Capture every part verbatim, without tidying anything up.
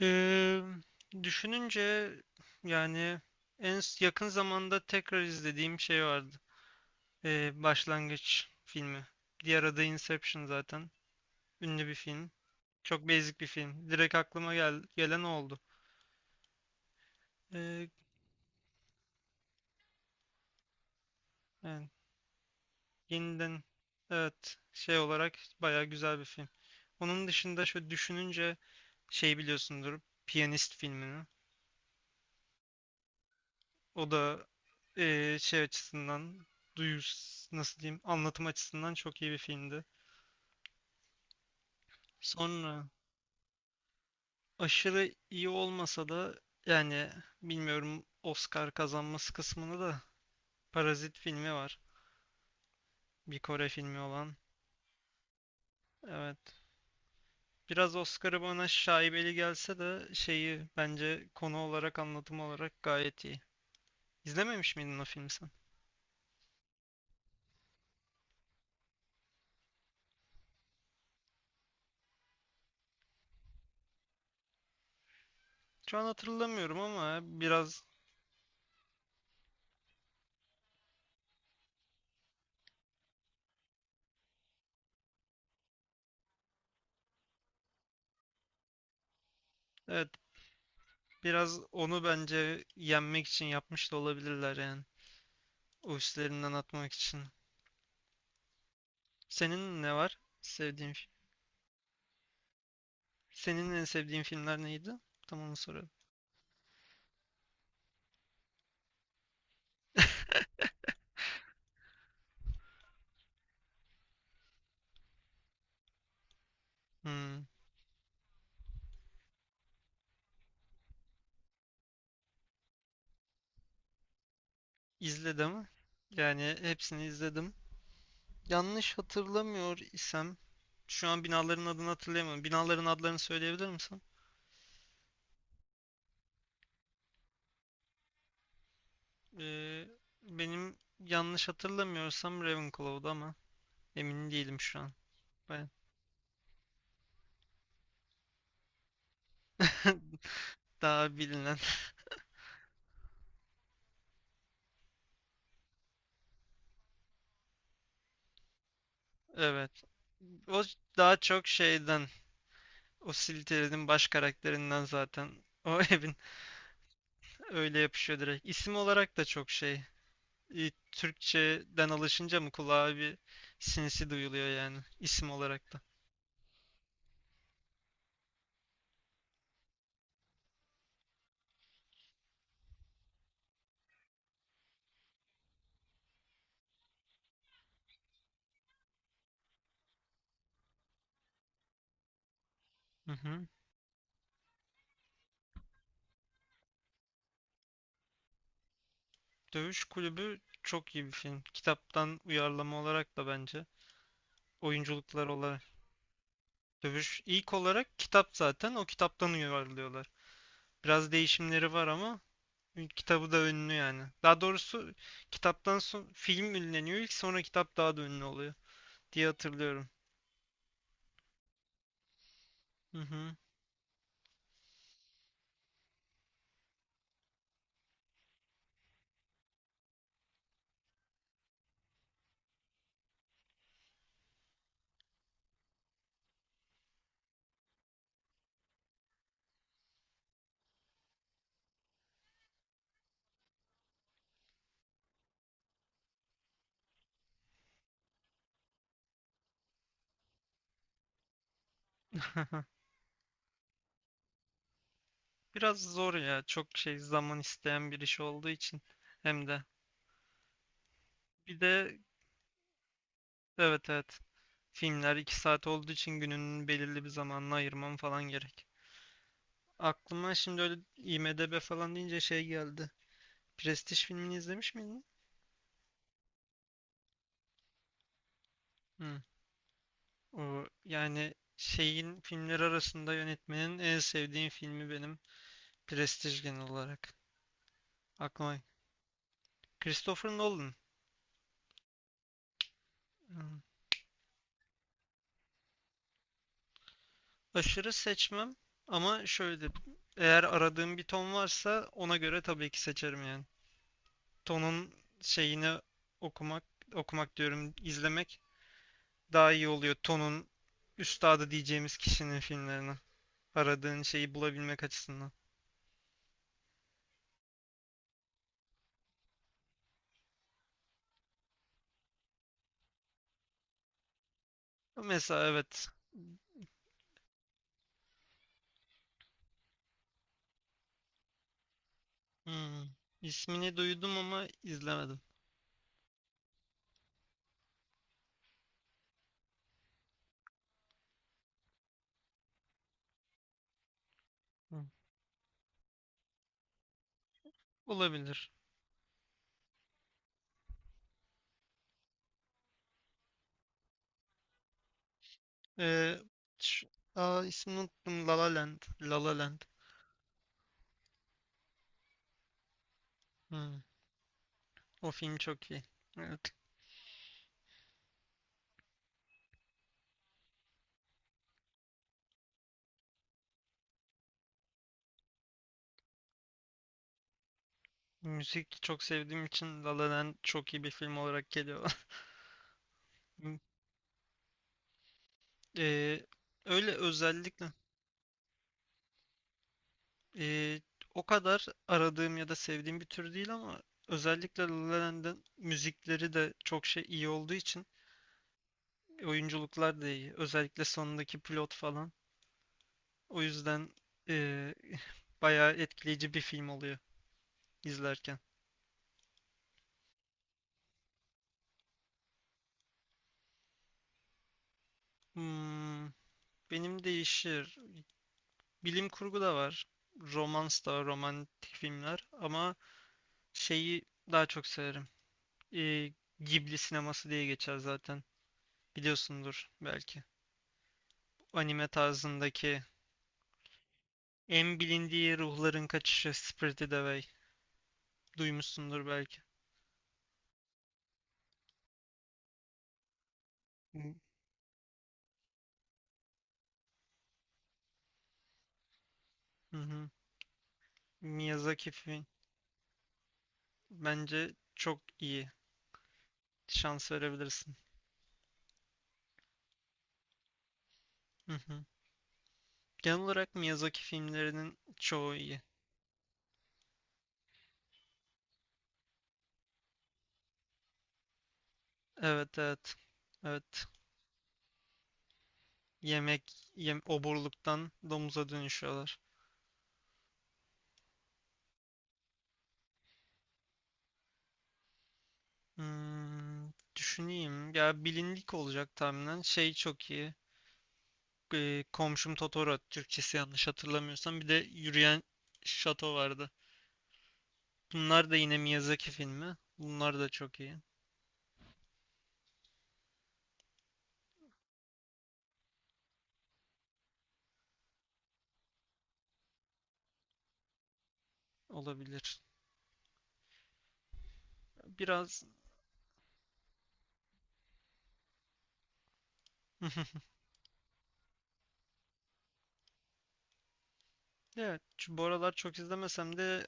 Ee, düşününce yani en s- yakın zamanda tekrar izlediğim şey vardı. Ee, Başlangıç filmi. Diğer adı Inception zaten. Ünlü bir film. Çok basic bir film. Direkt aklıma gel gelen o oldu. Ee, yani yeniden evet şey olarak bayağı güzel bir film. Onun dışında şöyle düşününce şey biliyorsundur. Piyanist filmini. O da ee, şey açısından duyus nasıl diyeyim anlatım açısından çok iyi bir filmdi. Sonra aşırı iyi olmasa da yani bilmiyorum Oscar kazanması kısmını da Parazit filmi var. Bir Kore filmi olan. Evet. Biraz Oscar'ı bana şaibeli gelse de şeyi bence konu olarak anlatım olarak gayet iyi. İzlememiş miydin o filmi sen? Şu an hatırlamıyorum ama biraz evet, biraz onu bence yenmek için yapmış da olabilirler yani. O üstlerinden atmak için. Senin ne var? Sevdiğin. Senin en sevdiğin filmler neydi? Tam onu soruyorum. Hmm, izledim. Yani hepsini izledim. Yanlış hatırlamıyor isem, şu an binaların adını hatırlayamıyorum. Binaların adlarını söyleyebilir misin? Ee, benim yanlış hatırlamıyorsam Ravenclaw'du ama emin değilim şu an. Ben daha bilinen. Evet. O daha çok şeyden, o Slytherin'in baş karakterinden zaten. O evin öyle yapışıyor direkt. İsim olarak da çok şey. E, Türkçeden alışınca mı kulağa bir sinsi duyuluyor yani isim olarak da. Hı hı. Dövüş Kulübü çok iyi bir film. Kitaptan uyarlama olarak da bence. Oyunculuklar olarak. Dövüş ilk olarak kitap zaten, o kitaptan uyarlıyorlar. Biraz değişimleri var ama kitabı da ünlü yani. Daha doğrusu kitaptan son film ünleniyor ilk, sonra kitap daha da ünlü oluyor diye hatırlıyorum. Hı hı. Biraz zor ya. Çok şey zaman isteyen bir iş olduğu için hem de. Bir de evet evet, filmler iki saat olduğu için gününün belirli bir zamanını ayırmam falan gerek. Aklıma şimdi öyle ay em di bi falan deyince şey geldi. Prestige filmini izlemiş miydin? Hı. O, yani şeyin filmleri arasında yönetmenin en sevdiğim filmi benim. Prestige genel olarak. Aklıma Christopher Nolan. Hı. Aşırı seçmem ama şöyle, eğer aradığım bir ton varsa ona göre tabii ki seçerim yani. Ton'un şeyini okumak, okumak diyorum, izlemek daha iyi oluyor. Ton'un üstadı diyeceğimiz kişinin filmlerini. Aradığın şeyi bulabilmek açısından. Mesela evet. Hmm. İsmini duydum ama izlemedim. Hı. Olabilir. Ee, şu- aa, ismini unuttum. La La Land. La La Land. Hmm. O film çok iyi. Evet. Müzik çok sevdiğim için La La Land çok iyi bir film olarak geliyor. Hmm. Ee, öyle özellikle Ee, o kadar aradığım ya da sevdiğim bir tür değil ama özellikle La La Land'in müzikleri de çok şey iyi olduğu için oyunculuklar da iyi. Özellikle sonundaki plot falan. O yüzden ee, bayağı etkileyici bir film oluyor izlerken. Hmm, benim değişir. Bilim kurgu da var. Romans da var, romantik filmler. Ama şeyi daha çok severim. Ee, Ghibli sineması diye geçer zaten. Biliyorsundur belki. Anime tarzındaki. En bilindiği ruhların kaçışı Spirited Away. Duymuşsundur belki. Hı. Hı hı. Miyazaki film. Bence çok iyi. Şans verebilirsin. Hı hı. Genel olarak Miyazaki filmlerinin çoğu iyi. Evet evet. Evet. Yemek, yem oburluktan domuza dönüşüyorlar. Hmm, düşüneyim. Ya bilindik olacak tahminen. Şey çok iyi. Ee, Komşum Totoro Türkçesi yanlış hatırlamıyorsam. Bir de Yürüyen Şato vardı. Bunlar da yine Miyazaki filmi. Bunlar da çok iyi, olabilir. Biraz evet şu- bu aralar çok izlemesem de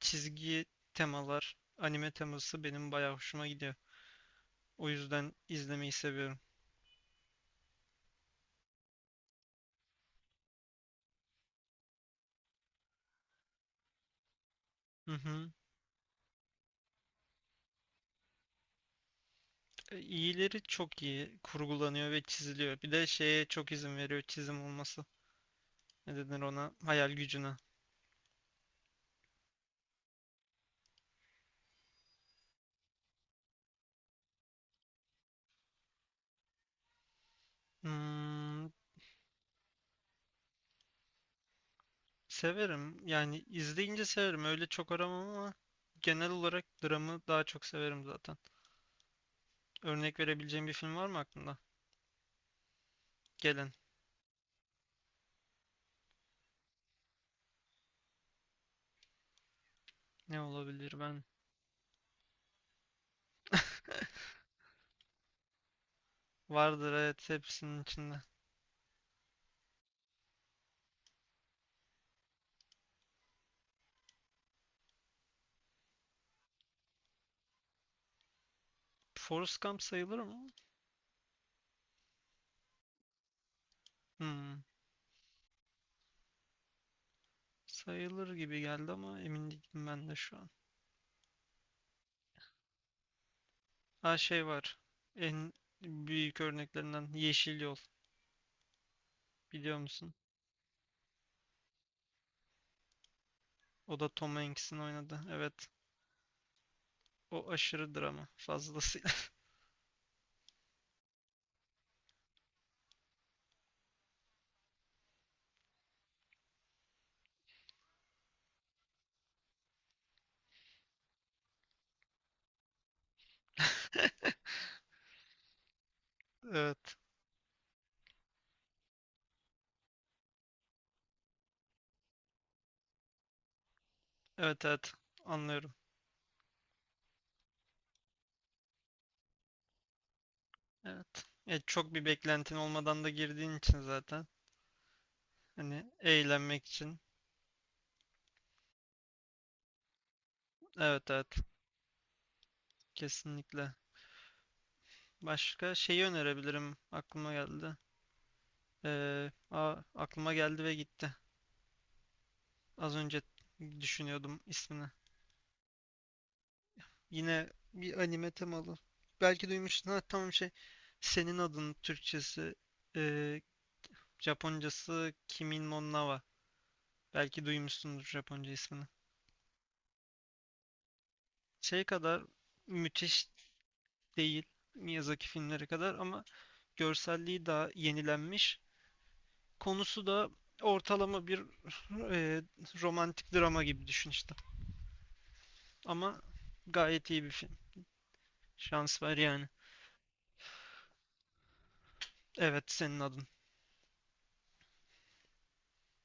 çizgi temalar, anime teması benim bayağı hoşuma gidiyor. O yüzden izlemeyi seviyorum. Hı hı. E, İyileri çok iyi kurgulanıyor ve çiziliyor. Bir de şeye çok izin veriyor çizim olması. Ne denir ona? Hayal gücüne. Hmm, severim. Yani izleyince severim. Öyle çok aramam ama genel olarak dramı daha çok severim zaten. Örnek verebileceğim bir film var mı aklında? Gelen. Ne olabilir ben? Vardır evet, hepsinin içinde. Forrest Gump sayılır mı? Hmm, sayılır gibi geldi ama emin değilim ben de şu an. Ha şey var. En büyük örneklerinden Yeşil Yol. Biliyor musun? O da Tom Hanks'in oynadı. Evet. O aşırı drama fazlasıyla. Evet. Evet evet. Anlıyorum. Evet. E, çok bir beklentin olmadan da girdiğin için zaten. Hani eğlenmek için. Evet evet, kesinlikle. Başka şeyi önerebilirim, aklıma geldi. Ee, a- aklıma geldi ve gitti. Az önce düşünüyordum ismini. Yine bir anime temalı. Belki duymuşsun, ha tamam şey. Senin adın Türkçesi, e, Japoncası Kimin no Na. Belki duymuşsundur Japonca ismini. Şey kadar müthiş değil. Miyazaki filmleri kadar, ama görselliği daha yenilenmiş. Konusu da ortalama bir e, romantik drama gibi düşün işte. Ama gayet iyi bir film. Şans var yani. Evet, senin adın.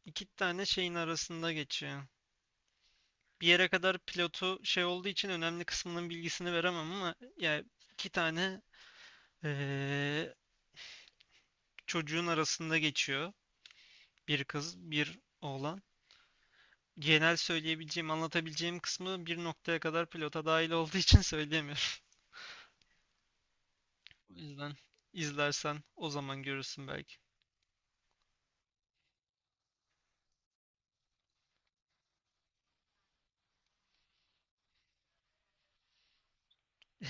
İki tane şeyin arasında geçiyor. Bir yere kadar pilotu şey olduğu için önemli kısmının bilgisini veremem ama yani iki tane e, çocuğun arasında geçiyor. Bir kız, bir oğlan. Genel söyleyebileceğim, anlatabileceğim kısmı bir noktaya kadar pilota dahil olduğu için söyleyemiyorum. O yüzden izlersen o zaman görürsün belki.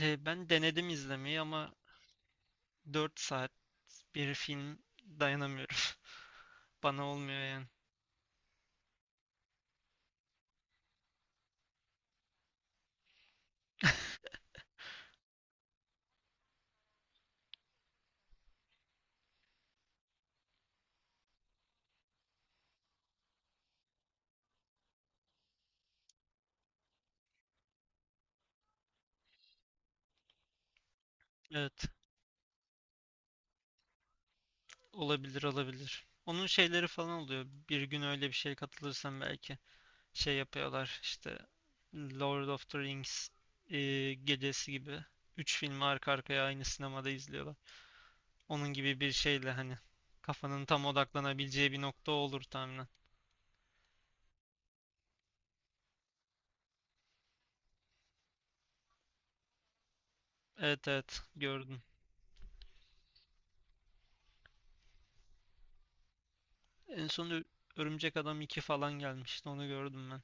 Ee, ben denedim izlemeyi ama dört saat bir film dayanamıyorum. Bana olmuyor yani. Evet, olabilir olabilir. Onun şeyleri falan oluyor. Bir gün öyle bir şeye katılırsam belki şey yapıyorlar işte, Lord of the Rings e, gecesi gibi. Üç filmi arka arkaya aynı sinemada izliyorlar. Onun gibi bir şeyle hani kafanın tam odaklanabileceği bir nokta olur tahminen. Evet evet, gördüm. En son Ö- Örümcek Adam iki falan gelmişti, onu gördüm ben.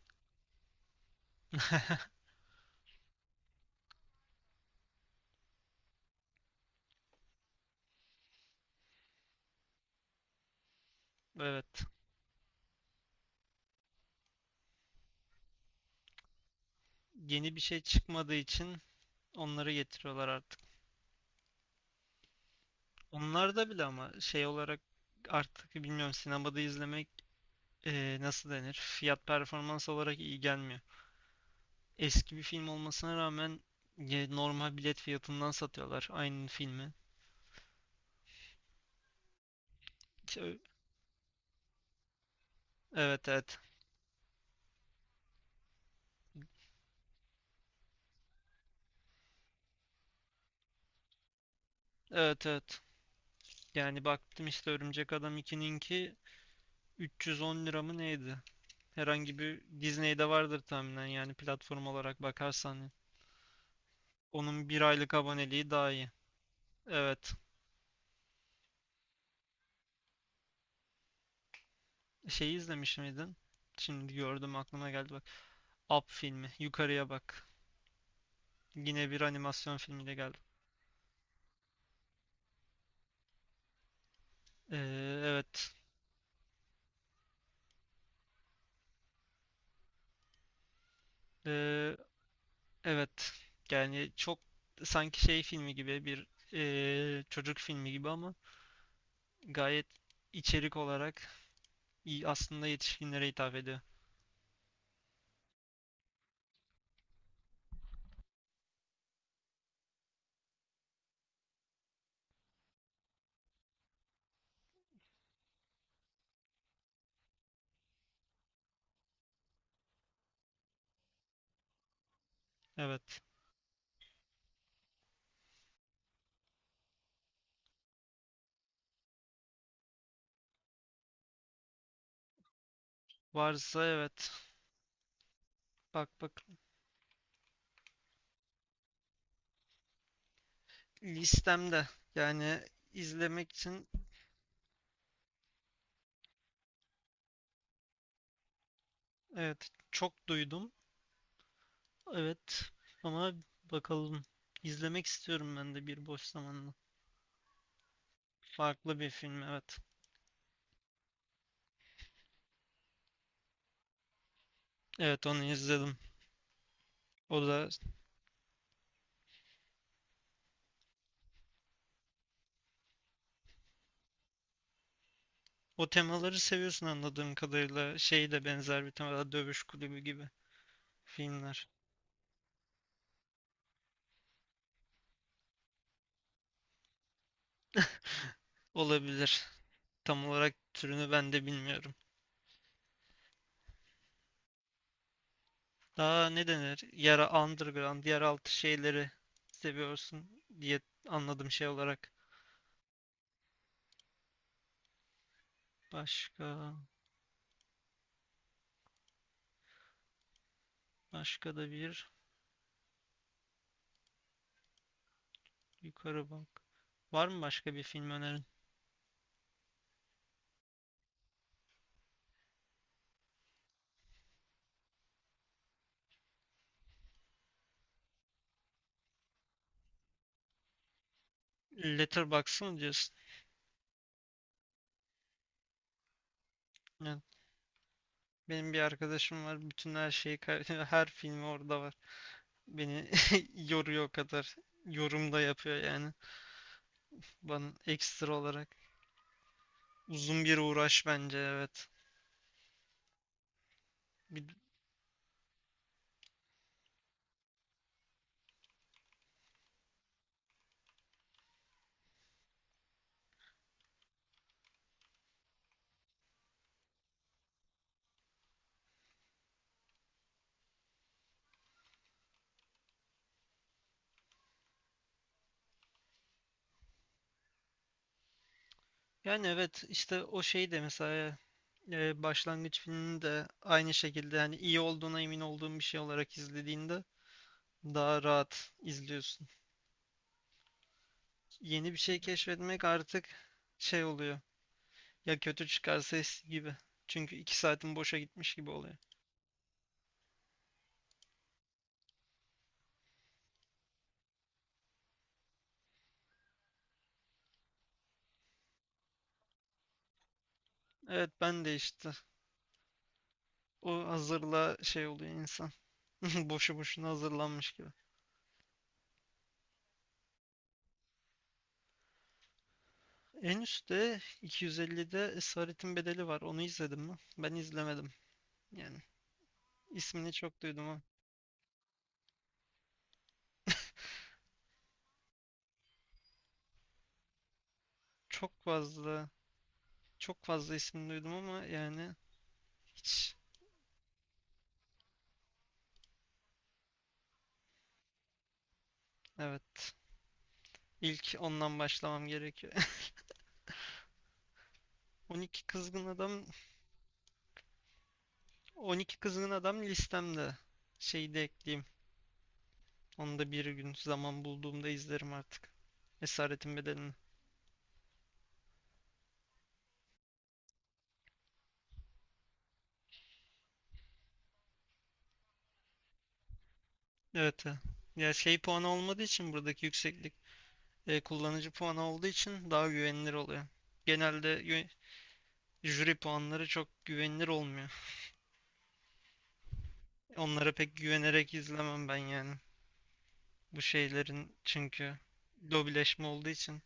Evet. Yeni bir şey çıkmadığı için onları getiriyorlar artık. Onlar da bile ama şey olarak artık bilmiyorum, sinemada izlemek eee, nasıl denir? Fiyat performans olarak iyi gelmiyor. Eski bir film olmasına rağmen ye- normal bilet fiyatından satıyorlar aynı filmi. Ö- Evet evet. Evet evet. Yani baktım işte Örümcek Adam ikininki üç yüz on lira mı neydi? Herhangi bir Disney'de vardır tahminen yani, platform olarak bakarsan. Onun bir aylık aboneliği daha iyi. Evet. Şeyi izlemiş miydin? Şimdi gördüm, aklıma geldi bak. Up filmi. Yukarıya bak. Yine bir animasyon filmiyle geldi. Ee, evet. Ee, evet. Yani çok sanki şey filmi gibi bir ee, çocuk filmi gibi ama gayet içerik olarak iyi, aslında yetişkinlere hitap ediyor. Evet. Varsa evet. Bak bak, listemde. Yani izlemek için evet, çok duydum. Evet ama bakalım. İzlemek istiyorum ben de bir boş zamanla. Farklı bir film evet. Evet onu izledim. O da o temaları seviyorsun anladığım kadarıyla. Şey de benzer bir tema, Dövüş Kulübü gibi filmler. Olabilir. Tam olarak türünü ben de bilmiyorum. Daha ne denir? Yara underground, yeraltı şeyleri seviyorsun diye anladım şey olarak. Başka başka da bir, yukarı bak. Var mı başka bir film önerin? Letterboxd mı diyorsun? Evet. Benim bir arkadaşım var. Bütün her şeyi, kay- her filmi orada var. Beni yoruyor o kadar. Yorum da yapıyor yani. Bana ekstra olarak. Uzun bir uğraş bence evet. Bir- Yani evet işte o şey de mesela e, başlangıç filmini de aynı şekilde hani iyi olduğuna emin olduğum bir şey olarak izlediğinde daha rahat izliyorsun. Yeni bir şey keşfetmek artık şey oluyor. Ya kötü çıkarsa eski gibi. Çünkü iki saatin boşa gitmiş gibi oluyor. Evet ben de işte, o hazırla şey oluyor insan. Boşu boşuna hazırlanmış gibi. En üstte iki yüz ellide Esaretin Bedeli var. Onu izledim mi? Ben izlemedim. Yani ismini çok duydum ama çok fazla çok fazla ismini duydum ama yani hiç, evet. İlk ondan başlamam gerekiyor. on iki Kızgın Adam. on iki Kızgın Adam listemde. Şeyi de ekleyeyim. Onu da bir gün zaman bulduğumda izlerim artık. Esaretin Bedeli'ni. Evet. Evet. Ya şey puanı olmadığı için buradaki yükseklik e, kullanıcı puanı olduğu için daha güvenilir oluyor. Genelde yö- jüri puanları çok güvenilir olmuyor. Onlara pek güvenerek izlemem ben yani. Bu şeylerin çünkü lobileşme olduğu için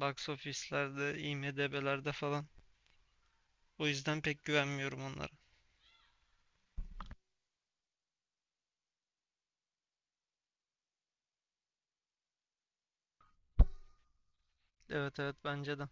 box office'lerde, ay em di bilerde falan. O yüzden pek güvenmiyorum onlara. Evet evet, bence de.